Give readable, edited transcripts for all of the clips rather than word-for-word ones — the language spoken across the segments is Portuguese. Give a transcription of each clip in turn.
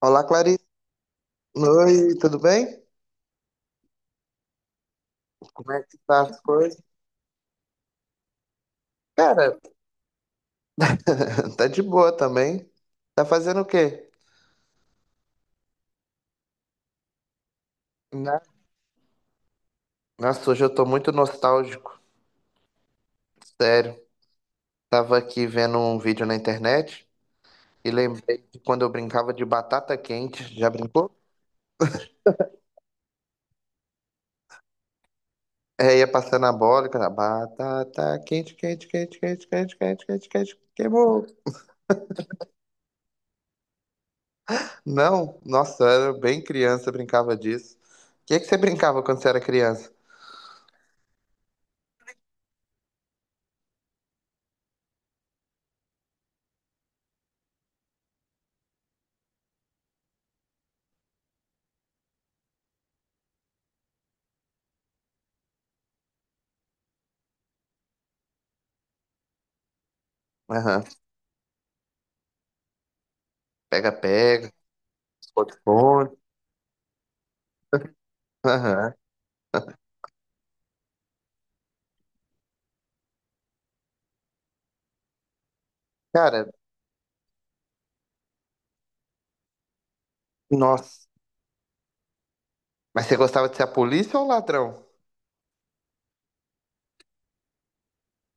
Olá, Clarice. Oi, tudo bem? Como é que tá as coisas? Cara, tá de boa também. Tá fazendo o quê? Na- Nossa, hoje eu tô muito nostálgico. Sério. Tava aqui vendo um vídeo na internet e lembrei de quando eu brincava de batata quente. Já brincou? É, ia passando a bola e cantava, batata quente, quente, quente, quente, quente, quente, quente, quente, queimou. Não, nossa, eu era bem criança, eu brincava disso. O que que você brincava quando você era criança? Aham, pega, pega. Outro ponto. Aham. Cara, nossa. Mas você gostava de ser a polícia ou o ladrão?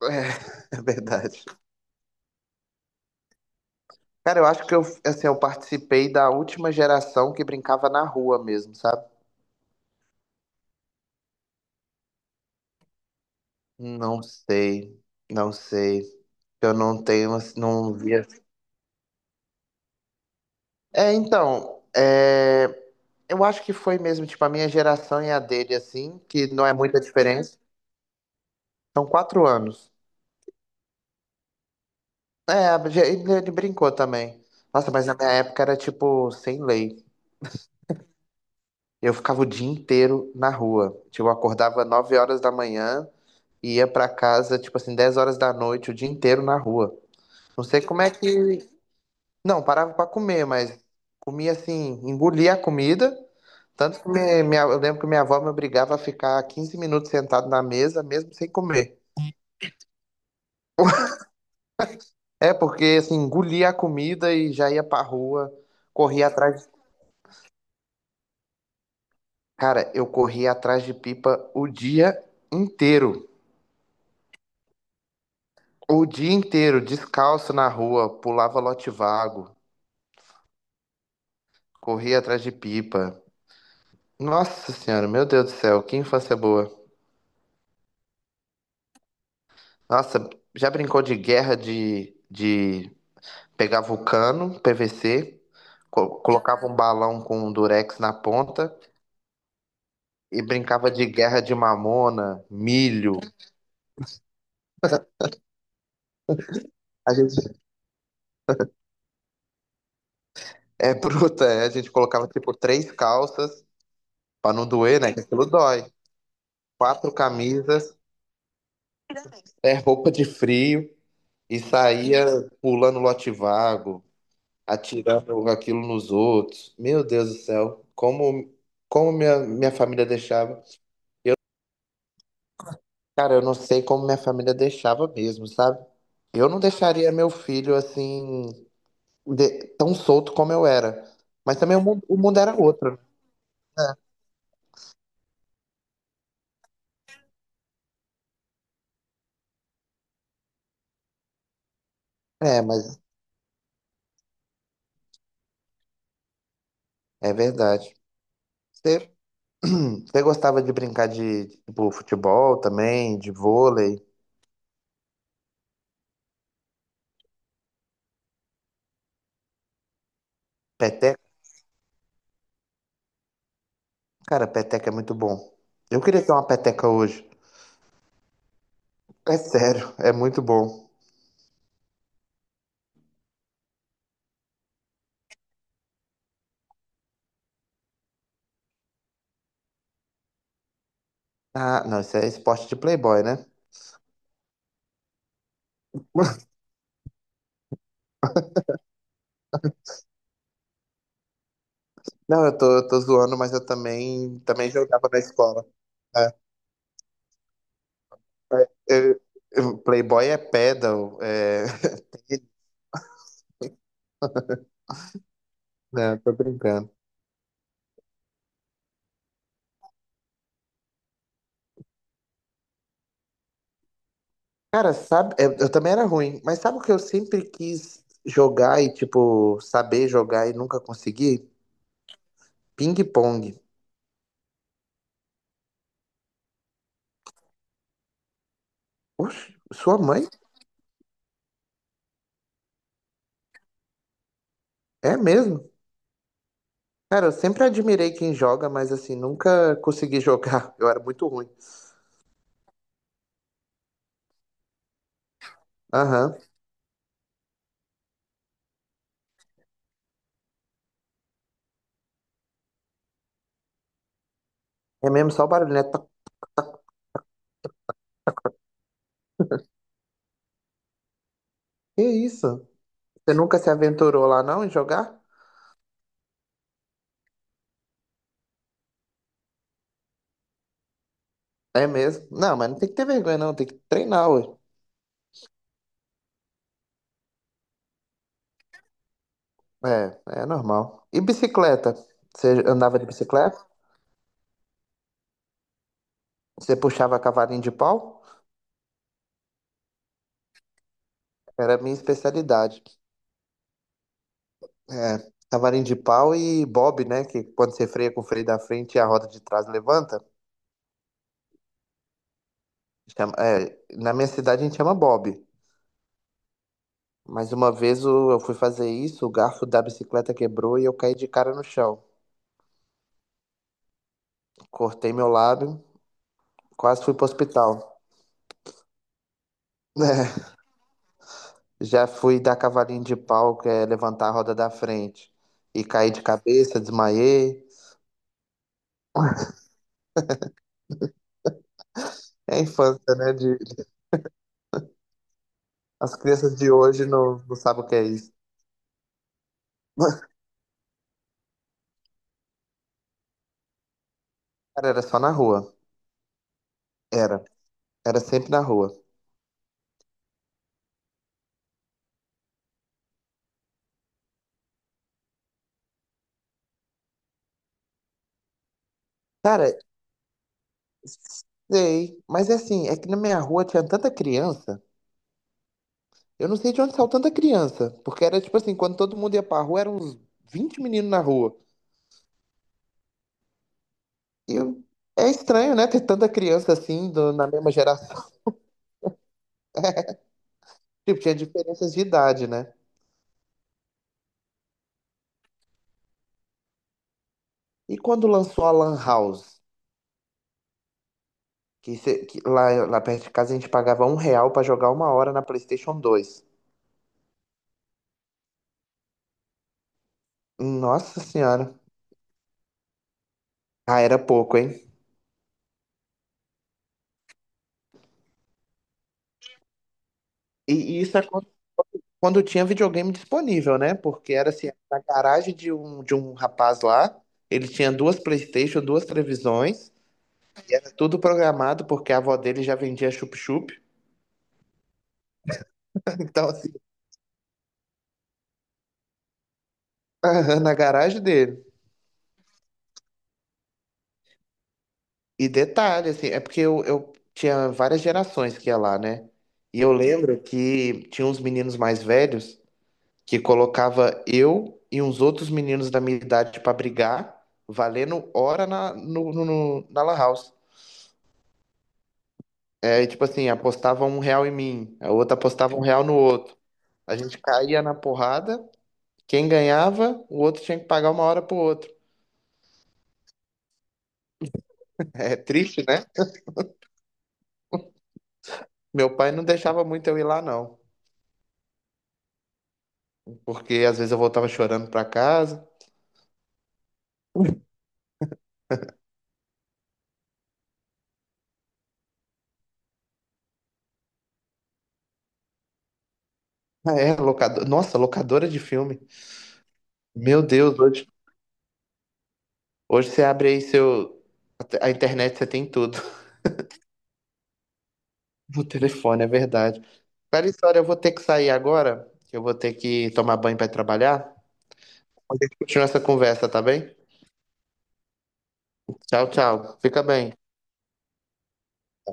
É, é verdade. Cara, eu acho que eu, assim, eu participei da última geração que brincava na rua mesmo, sabe? Não sei, não sei. Eu não tenho, assim, não via. É, então, é, eu acho que foi mesmo, tipo, a minha geração e a dele, assim, que não é muita diferença. São 4 anos. É, ele brincou também. Nossa, mas na minha época era, tipo, sem lei. Eu ficava o dia inteiro na rua. Tipo, eu acordava 9 horas da manhã e ia pra casa, tipo assim, 10 horas da noite, o dia inteiro na rua. Não sei como é que. Não, parava pra comer, mas comia assim, engolia a comida. Tanto que eu lembro que minha avó me obrigava a ficar 15 minutos sentado na mesa, mesmo sem comer. É, porque assim, engolia a comida e já ia pra rua, corria atrás. Cara, eu corria atrás de pipa o dia inteiro. O dia inteiro, descalço na rua, pulava lote vago, corria atrás de pipa. Nossa senhora, meu Deus do céu, que infância boa. Nossa, já brincou de guerra de pegar vulcano, PVC, colocava um balão com um durex na ponta e brincava de guerra de mamona, milho. A gente é bruta, é, a gente colocava tipo três calças pra não doer, né? Que aquilo dói. Quatro camisas, é roupa de frio. E saía pulando lote vago, atirando aquilo nos outros. Meu Deus do céu, como minha família deixava. Cara, eu não sei como minha família deixava mesmo, sabe? Eu não deixaria meu filho assim, tão solto como eu era. Mas também o mundo era outro, né? É, mas é verdade. Você, você gostava de brincar de, tipo, futebol também, de vôlei, peteca? Cara, peteca é muito bom. Eu queria ter uma peteca hoje. É sério, é muito bom. Ah, não, isso é esporte de playboy, né? Não, eu tô zoando, mas eu também jogava na escola. É, é, eu- Playboy é pedal. Não, tô brincando. Cara, sabe, eu também era ruim, mas sabe o que eu sempre quis jogar e, tipo, saber jogar e nunca consegui? Ping-pong. Oxe, sua mãe? É mesmo? Cara, eu sempre admirei quem joga, mas assim, nunca consegui jogar. Eu era muito ruim. Aham. É mesmo só o barulho, né? Que isso? Você nunca se aventurou lá não em jogar? É mesmo? Não, mas não tem que ter vergonha não, tem que treinar, ué. É, é normal. E bicicleta? Você andava de bicicleta? Você puxava cavalinho de pau? Era a minha especialidade. É, cavalinho de pau e bob, né? Que quando você freia com o freio da frente e a roda de trás levanta. É, na minha cidade a gente chama bob. Mas uma vez eu fui fazer isso, o garfo da bicicleta quebrou e eu caí de cara no chão. Cortei meu lábio, quase fui pro hospital. Já fui dar cavalinho de pau, que é levantar a roda da frente. E caí de cabeça, desmaiei. É a infância, né? De... As crianças de hoje não sabem o que é isso. Cara, era só na rua. Era. Era sempre na rua. Cara, sei. Mas é assim, é que na minha rua tinha tanta criança. Eu não sei de onde saiu tanta criança. Porque era tipo assim, quando todo mundo ia pra rua, eram uns 20 meninos na rua. E eu- é estranho, né? Ter tanta criança assim, na mesma geração. Tipo, tinha diferenças de idade, né? E quando lançou a Lan House, que lá perto de casa a gente pagava R$1 pra jogar 1 hora na PlayStation 2. Nossa senhora. Ah, era pouco, hein? E isso é quando, tinha videogame disponível, né? Porque era assim, na garagem de um rapaz lá, ele tinha duas PlayStation, duas televisões, tudo programado, porque a avó dele já vendia chup-chup. Então, assim, na garagem dele. E detalhe, assim, é porque eu tinha várias gerações que ia lá, né? E eu lembro que tinha uns meninos mais velhos que colocava eu e uns outros meninos da minha idade pra brigar, valendo hora na, no, no- no- na Lan House. É, e tipo assim, apostava R$1 em mim, a outra apostava R$1 no outro. A gente caía na porrada, quem ganhava, o outro tinha que pagar 1 hora pro outro. É triste, né? Meu pai não deixava muito eu ir lá, não, porque às vezes eu voltava chorando pra casa. Ah, é, nossa, locadora de filme. Meu Deus, hoje, hoje você abre aí seu. A internet você tem tudo. O telefone, é verdade. Clarissa, história eu vou ter que sair agora, que eu vou ter que tomar banho para trabalhar. A gente continua essa conversa, tá bem? Tchau, tchau. Fica bem.